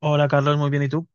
Hola Carlos, muy bien, ¿y tú?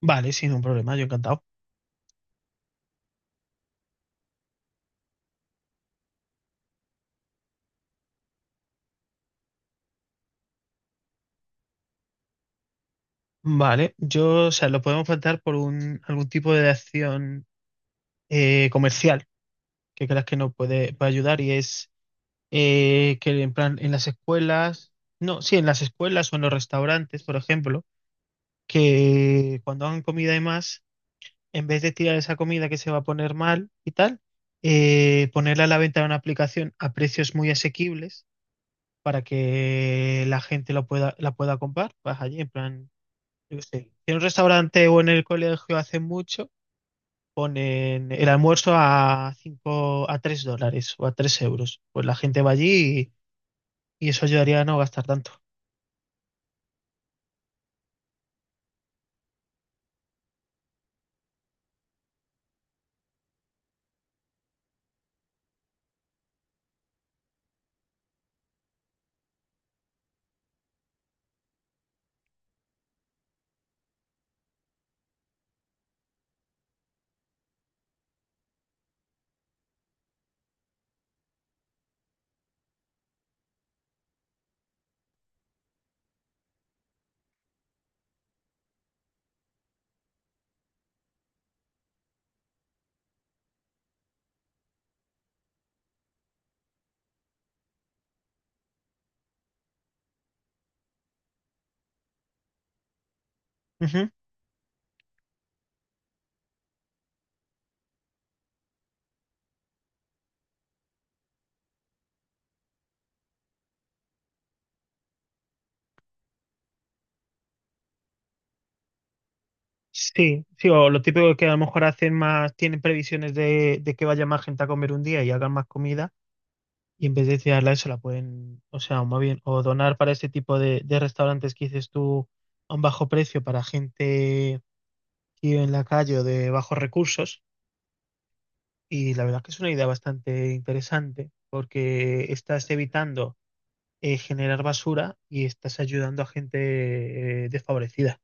Vale, sin un problema, yo encantado. Vale, yo, o sea, lo podemos plantear por algún tipo de acción comercial que creas que nos puede ayudar y es que en plan en las escuelas, no, sí, en las escuelas o en los restaurantes, por ejemplo, que cuando hagan comida y más, en vez de tirar esa comida que se va a poner mal y tal, ponerla a la venta en una aplicación a precios muy asequibles para que la gente lo pueda, la pueda comprar, vas allí en plan yo qué sé, si en un restaurante o en el colegio hace mucho, ponen el almuerzo a 5, a $3 o a 3 euros. Pues la gente va allí y eso ayudaría a no gastar tanto. Ujú. Sí, sí, o lo típico que a lo mejor hacen más, tienen previsiones de que vaya más gente a comer un día y hagan más comida, y en vez de tirarla eso la pueden, o sea, o más bien, o donar para este tipo de restaurantes que dices tú a un bajo precio para gente que vive en la calle o de bajos recursos. Y la verdad que es una idea bastante interesante porque estás evitando generar basura y estás ayudando a gente desfavorecida.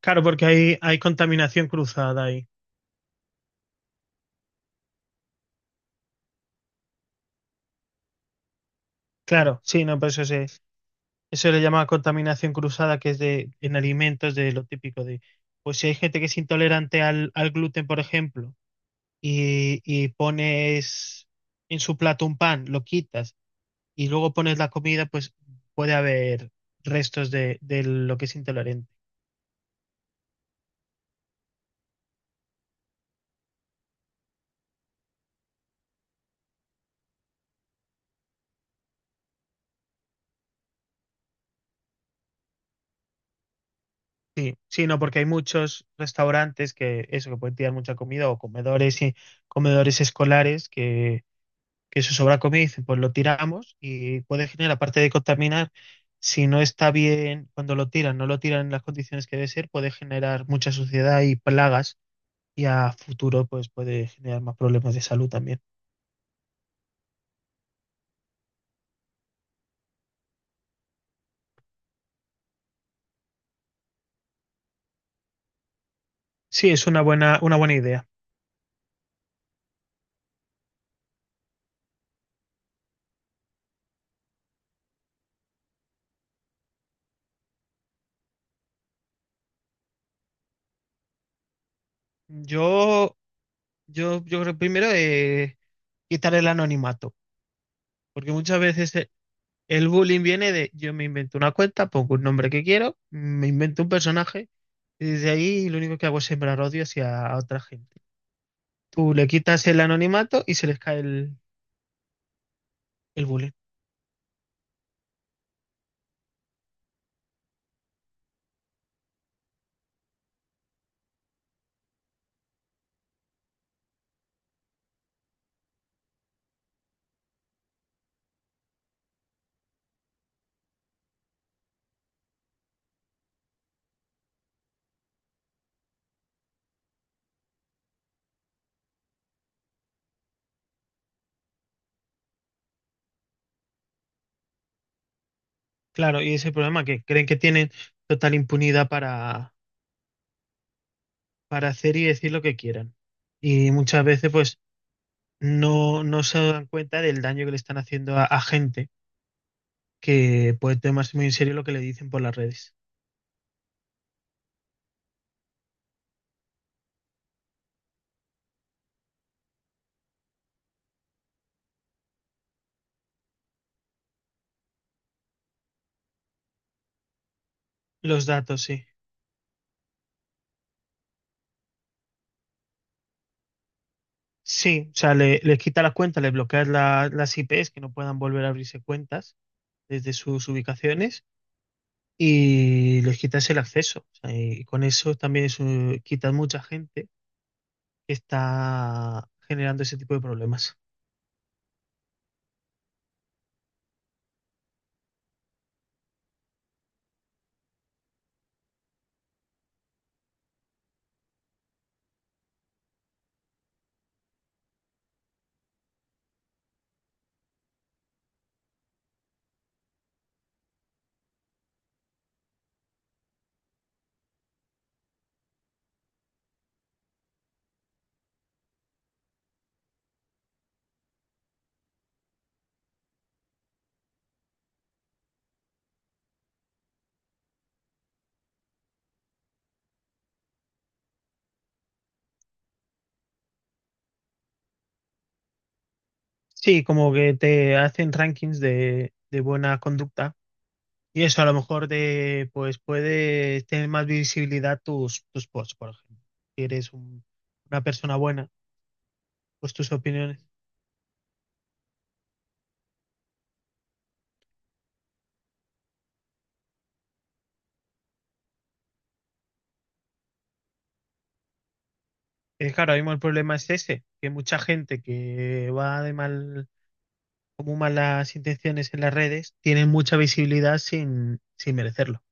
Claro, porque hay contaminación cruzada ahí. Claro, sí, no, pero eso le llama contaminación cruzada, que es de, en alimentos, de lo típico de, pues si hay gente que es intolerante al gluten, por ejemplo, y pones en su plato un pan, lo quitas y luego pones la comida, pues puede haber restos de lo que es intolerante. Sí, sí, no, porque hay muchos restaurantes que eso, que pueden tirar mucha comida o comedores y comedores escolares que eso sobra comida y dicen, pues lo tiramos y puede generar, aparte de contaminar, si no está bien, cuando lo tiran, no lo tiran en las condiciones que debe ser, puede generar mucha suciedad y plagas y a futuro pues puede generar más problemas de salud también. Sí, es una buena idea. Yo yo creo primero quitar el anonimato, porque muchas veces el bullying viene de yo me invento una cuenta, pongo un nombre que quiero, me invento un personaje y desde ahí lo único que hago es sembrar odio hacia otra gente. Tú le quitas el anonimato y se les cae el bullying. Claro, y ese problema que creen que tienen total impunidad para hacer y decir lo que quieran. Y muchas veces pues no se dan cuenta del daño que le están haciendo a gente, que puede tomarse muy en serio lo que le dicen por las redes. Los datos, sí. Sí, o sea, les quita las cuentas, les bloqueas las IPs que no puedan volver a abrirse cuentas desde sus ubicaciones y les quitas el acceso. O sea, y con eso también quitas mucha gente que está generando ese tipo de problemas. Sí, como que te hacen rankings de buena conducta. Y eso a lo mejor pues puede tener más visibilidad tus posts, por ejemplo. Si eres una persona buena, pues tus opiniones. Claro, ahora mismo el problema es ese, que mucha gente que va de mal, como malas intenciones en las redes, tiene mucha visibilidad sin merecerlo.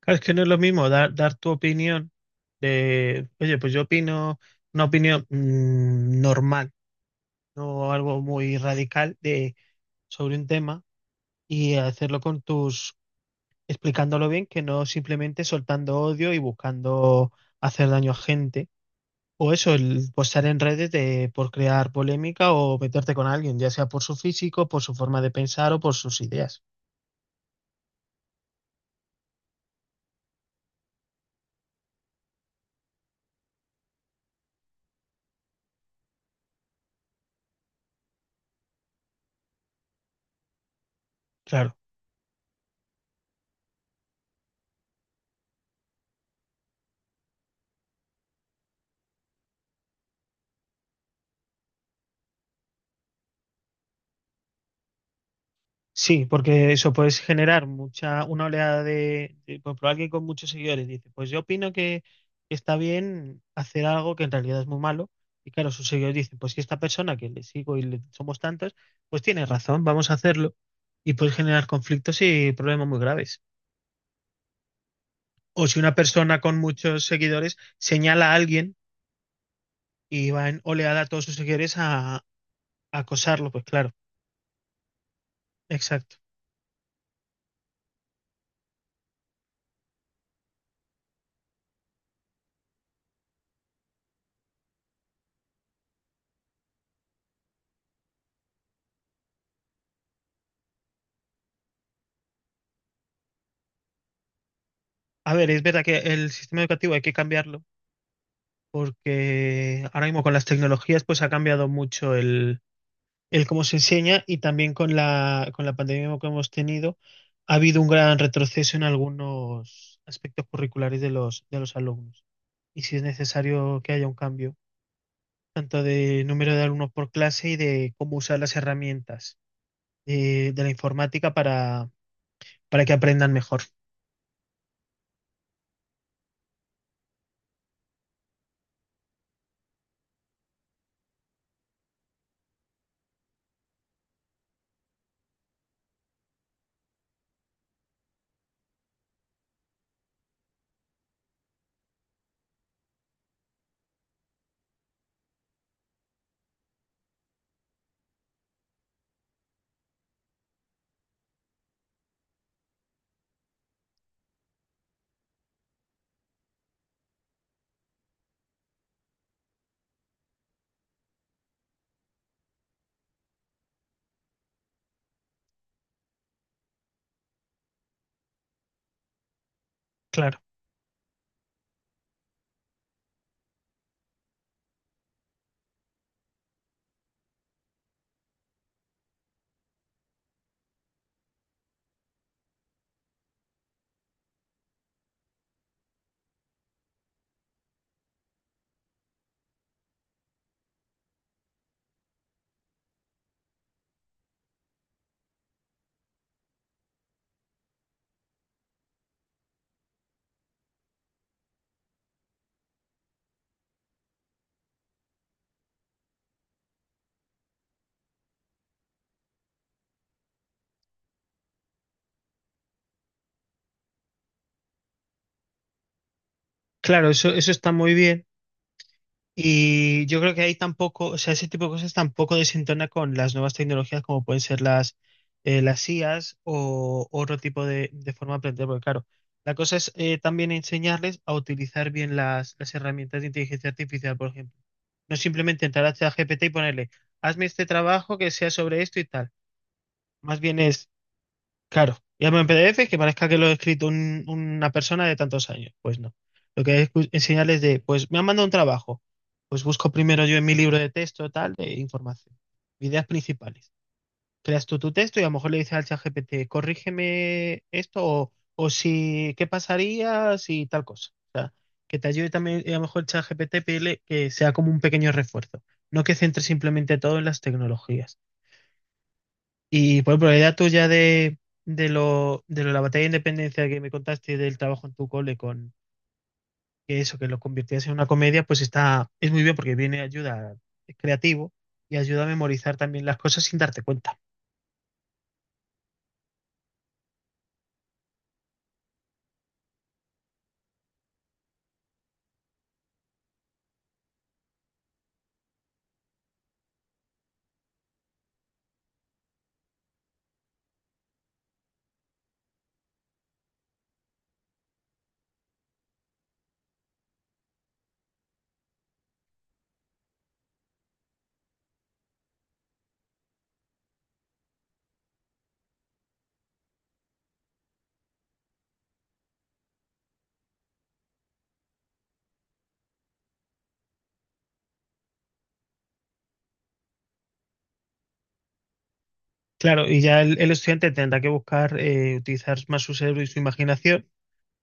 Claro, es que no es lo mismo dar tu opinión de, oye, pues yo opino una opinión normal, no algo muy radical sobre un tema y hacerlo con tus explicándolo bien, que no simplemente soltando odio y buscando hacer daño a gente. O eso, el postar en redes por crear polémica o meterte con alguien, ya sea por su físico, por su forma de pensar o por sus ideas. Claro. Sí, porque eso puedes generar mucha, una oleada por ejemplo, alguien con muchos seguidores dice, pues yo opino que está bien hacer algo que en realidad es muy malo. Y claro, sus seguidores dicen, pues que esta persona que le sigo somos tantos, pues tiene razón, vamos a hacerlo. Y puedes generar conflictos y problemas muy graves. O si una persona con muchos seguidores señala a alguien y va en oleada a todos sus seguidores a acosarlo, pues claro, exacto. A ver, es verdad que el sistema educativo hay que cambiarlo porque ahora mismo con las tecnologías pues ha cambiado mucho el cómo se enseña y también con con la pandemia que hemos tenido ha habido un gran retroceso en algunos aspectos curriculares de los alumnos. Y si es necesario que haya un cambio, tanto de número de alumnos por clase y de cómo usar las herramientas de la informática para que aprendan mejor. Claro, claro, eso está muy bien. Y yo creo que ahí tampoco, o sea, ese tipo de cosas tampoco desentona con las nuevas tecnologías como pueden ser las IAs o otro tipo de forma de aprender, porque claro, la cosa es también enseñarles a utilizar bien las herramientas de inteligencia artificial, por ejemplo. No simplemente entrar a ChatGPT y ponerle, hazme este trabajo que sea sobre esto y tal. Más bien es. Claro, y algo en PDF que parezca que lo ha escrito una persona de tantos años. Pues no. Lo que es enseñarles pues me han mandado un trabajo. Pues busco primero yo en mi libro de texto, tal, de información. Ideas principales. Creas tú tu texto y a lo mejor le dices al ChatGPT, corrígeme esto o si, ¿qué pasaría si tal cosa? O sea, que te ayude también, y a lo mejor el ChatGPT pedirle que sea como un pequeño refuerzo. No que centre simplemente todo en las tecnologías. Y por ejemplo, la idea tuya de lo de la batalla de independencia que me contaste del trabajo en tu cole con que eso, que lo convirtiese en una comedia, pues está, es muy bien porque viene ayuda, es creativo y ayuda a memorizar también las cosas sin darte cuenta. Claro, y ya el estudiante tendrá que buscar utilizar más su cerebro y su imaginación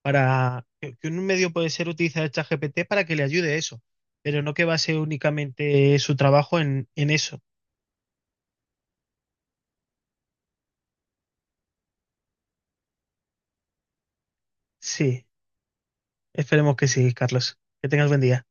para que un medio puede ser utilizar el ChatGPT para que le ayude a eso, pero no que base únicamente su trabajo en eso. Sí, esperemos que sí, Carlos. Que tengas buen día.